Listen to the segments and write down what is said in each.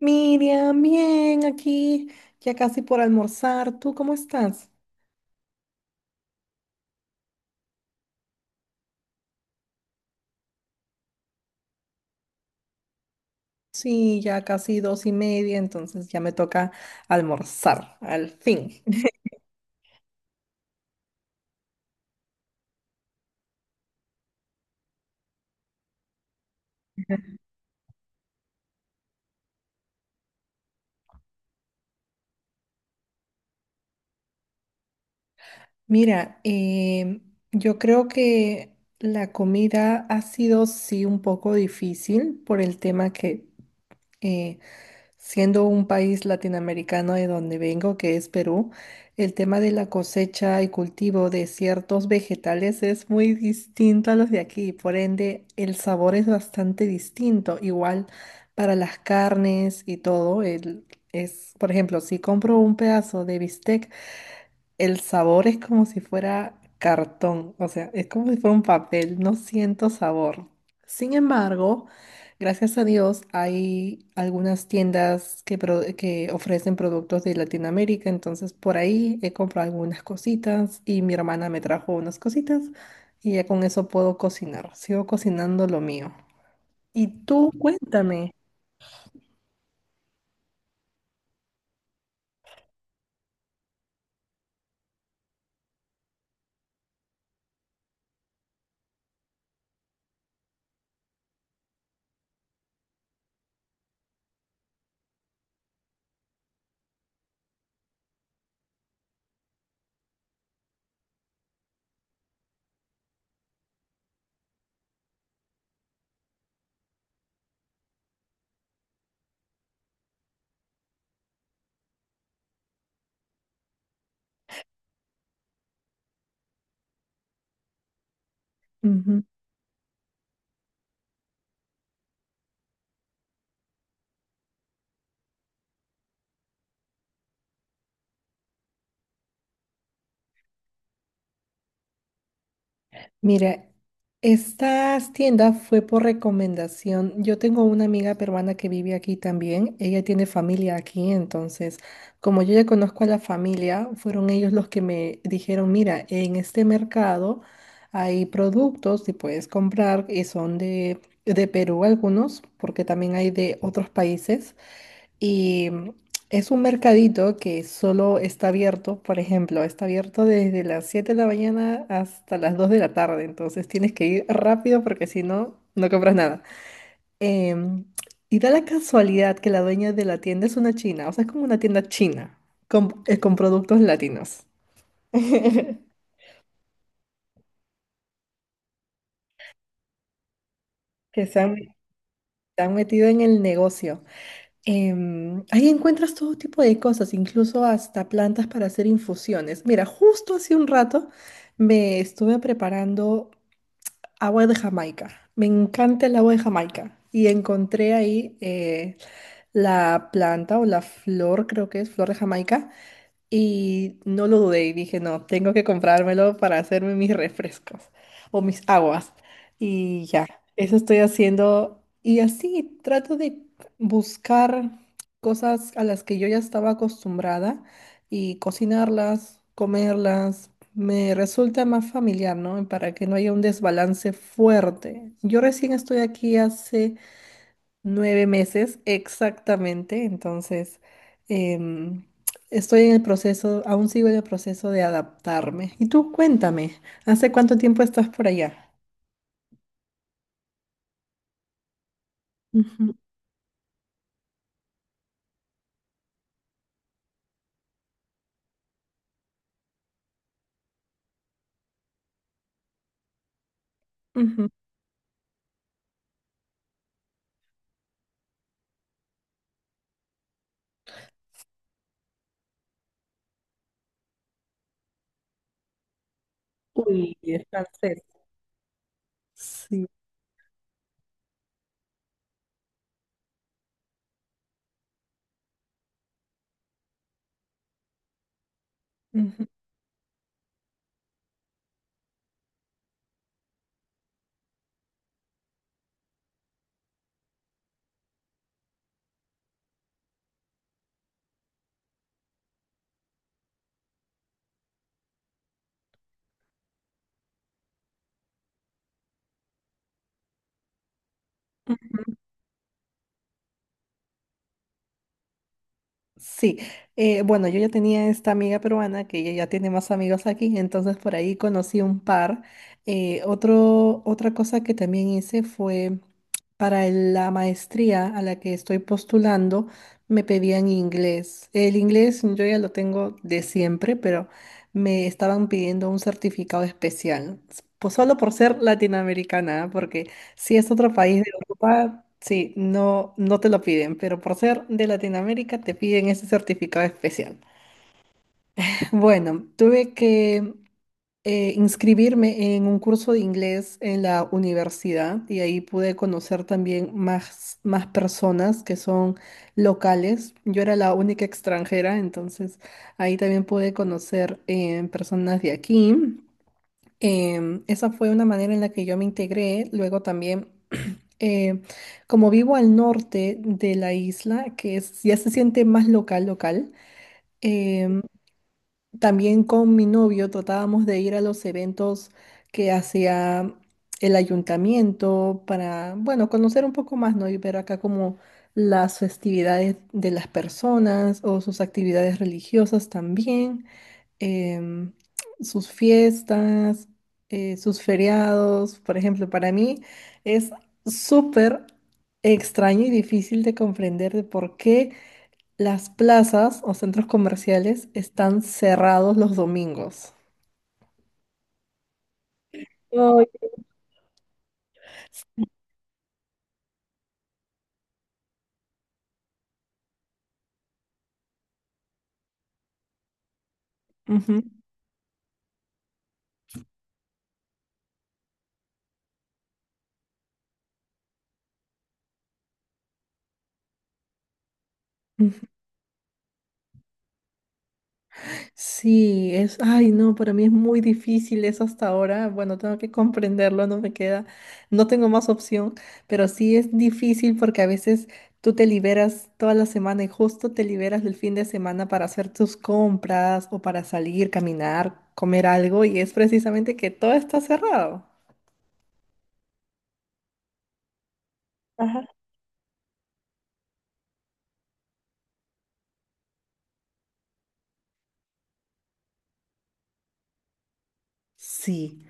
Miriam, bien, aquí ya casi por almorzar. ¿Tú cómo estás? Sí, ya casi 2:30, entonces ya me toca almorzar, al fin. Mira, yo creo que la comida ha sido sí un poco difícil por el tema que eh, siendo un país latinoamericano de donde vengo, que es Perú, el tema de la cosecha y cultivo de ciertos vegetales es muy distinto a los de aquí, por ende el sabor es bastante distinto, igual para las carnes y todo, es, por ejemplo, si compro un pedazo de bistec, el sabor es como si fuera cartón, o sea, es como si fuera un papel, no siento sabor. Sin embargo, gracias a Dios hay algunas tiendas que ofrecen productos de Latinoamérica, entonces por ahí he comprado algunas cositas y mi hermana me trajo unas cositas y ya con eso puedo cocinar, sigo cocinando lo mío. Y tú, cuéntame. Mira, estas tiendas fue por recomendación. Yo tengo una amiga peruana que vive aquí también. Ella tiene familia aquí, entonces, como yo ya conozco a la familia, fueron ellos los que me dijeron, mira, en este mercado hay productos que puedes comprar y son de Perú algunos, porque también hay de otros países. Y mm, es un mercadito que solo está abierto, por ejemplo, está abierto desde las 7 de la mañana hasta las 2 de la tarde, entonces tienes que ir rápido porque si no, no compras nada. Em, y da la casualidad que la dueña de la tienda es una china, o sea, es como una tienda china con productos latinos que se han metido en el negocio. Ahí encuentras todo tipo de cosas, incluso hasta plantas para hacer infusiones. Mira, justo hace un rato me estuve preparando agua de Jamaica. Me encanta el agua de Jamaica. Y encontré ahí la planta o la flor, creo que es flor de Jamaica, y no lo dudé y dije, no, tengo que comprármelo para hacerme mis refrescos o mis aguas. Y ya, eso estoy haciendo. Y así trato de buscar cosas a las que yo ya estaba acostumbrada y cocinarlas, comerlas. Me resulta más familiar, ¿no? Para que no haya un desbalance fuerte. Yo recién estoy aquí hace nueve meses, exactamente. Entonces, em, estoy en el proceso, aún sigo en el proceso de adaptarme. Y tú, cuéntame, ¿hace cuánto tiempo estás por allá? Ujú, ujú. Uy, es francés. Sí. Ujú. Sí, bueno, yo ya tenía esta amiga peruana que ella ya tiene más amigos aquí, entonces por ahí conocí un par. Otra cosa que también hice fue para la maestría a la que estoy postulando, me pedían inglés. El inglés yo ya lo tengo de siempre, pero me estaban pidiendo un certificado especial, pues solo por ser latinoamericana, ¿ah? Porque si es otro país de Europa, sí, no, no te lo piden, pero por ser de Latinoamérica te piden ese certificado especial. Bueno, tuve que inscribirme en un curso de inglés en la universidad y ahí pude conocer también más personas que son locales. Yo era la única extranjera, entonces ahí también pude conocer personas de aquí. Esa fue una manera en la que yo me integré. Luego también eh, como vivo al norte de la isla, ya se siente más local, local, em, también con mi novio tratábamos de ir a los eventos que hacía el ayuntamiento para, bueno, conocer un poco más, ¿no? Y ver acá como las festividades de las personas o sus actividades religiosas también em, sus fiestas, sus feriados. Por ejemplo, para mí es súper extraño y difícil de comprender de por qué las plazas o centros comerciales están cerrados los domingos. Ay. Ujú. Sí, es, ay, no, para mí es muy difícil eso hasta ahora. Bueno, tengo que comprenderlo, no me queda, no tengo más opción, pero sí es difícil porque a veces tú te liberas toda la semana y justo te liberas del fin de semana para hacer tus compras o para salir, caminar, comer algo y es precisamente que todo está cerrado. Ajá. Sí.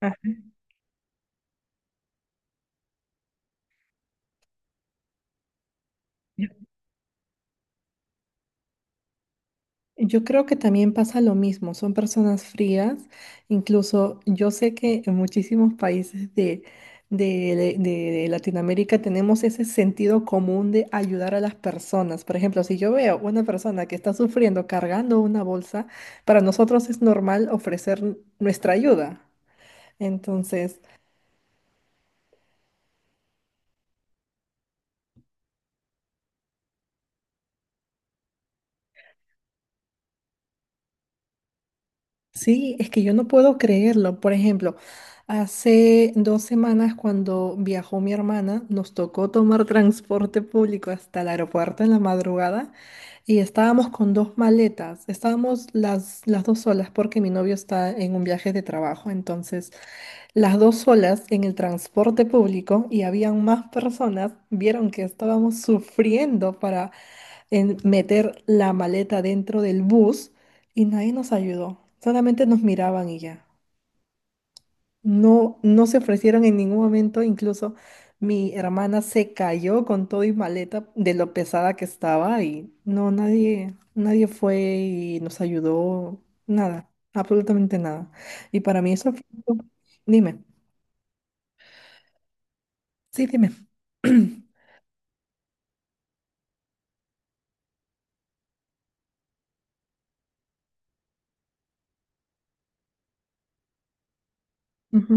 Ajá. Yo creo que también pasa lo mismo, son personas frías, incluso yo sé que en muchísimos países de Latinoamérica tenemos ese sentido común de ayudar a las personas. Por ejemplo, si yo veo una persona que está sufriendo cargando una bolsa, para nosotros es normal ofrecer nuestra ayuda. Entonces, sí, es que yo no puedo creerlo. Por ejemplo, hace 2 semanas cuando viajó mi hermana, nos tocó tomar transporte público hasta el aeropuerto en la madrugada y estábamos con dos maletas. Estábamos las dos solas porque mi novio está en un viaje de trabajo. Entonces, las dos solas en el transporte público y habían más personas, vieron que estábamos sufriendo en meter la maleta dentro del bus y nadie nos ayudó. Solamente nos miraban y ya. No, no se ofrecieron en ningún momento. Incluso mi hermana se cayó con todo y maleta de lo pesada que estaba y no, nadie, nadie fue y nos ayudó. Nada, absolutamente nada. Y para mí eso fue... Dime, sí, dime. Ujú,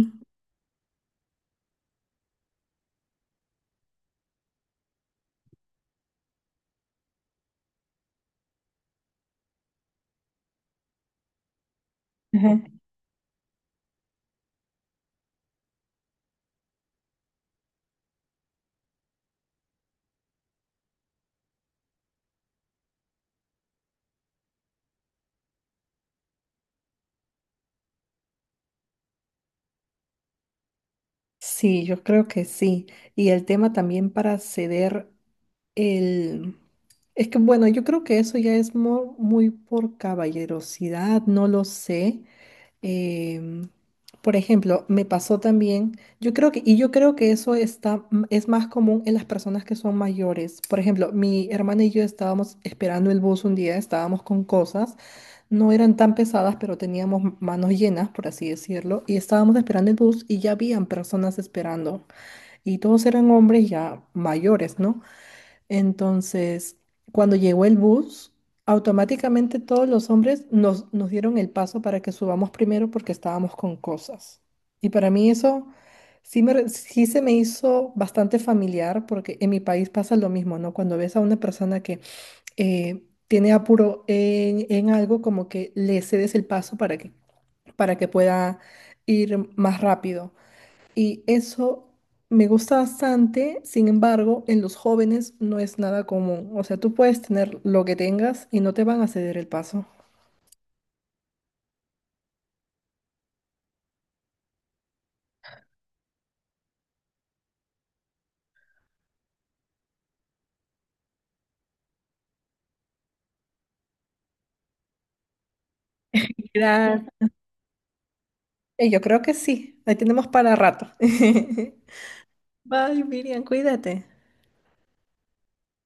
ajá. Sí, yo creo que sí. Y el tema también para ceder el... Es que bueno, yo creo que eso ya es muy por caballerosidad, no lo sé. Em, por ejemplo, me pasó también, y yo creo que eso está, es más común en las personas que son mayores. Por ejemplo, mi hermana y yo estábamos esperando el bus un día, estábamos con cosas, no eran tan pesadas, pero teníamos manos llenas, por así decirlo, y estábamos esperando el bus y ya habían personas esperando, y todos eran hombres ya mayores, ¿no? Entonces, cuando llegó el bus, automáticamente todos los hombres nos, nos dieron el paso para que subamos primero porque estábamos con cosas. Y para mí eso sí, sí se me hizo bastante familiar porque en mi país pasa lo mismo, ¿no? Cuando ves a una persona que tiene apuro en algo, como que le cedes el paso para que pueda ir más rápido. Y eso me gusta bastante, sin embargo, en los jóvenes no es nada común. O sea, tú puedes tener lo que tengas y no te van a ceder el paso. Gracias. Yo creo que sí, ahí tenemos para rato. Bye, Miriam, cuídate.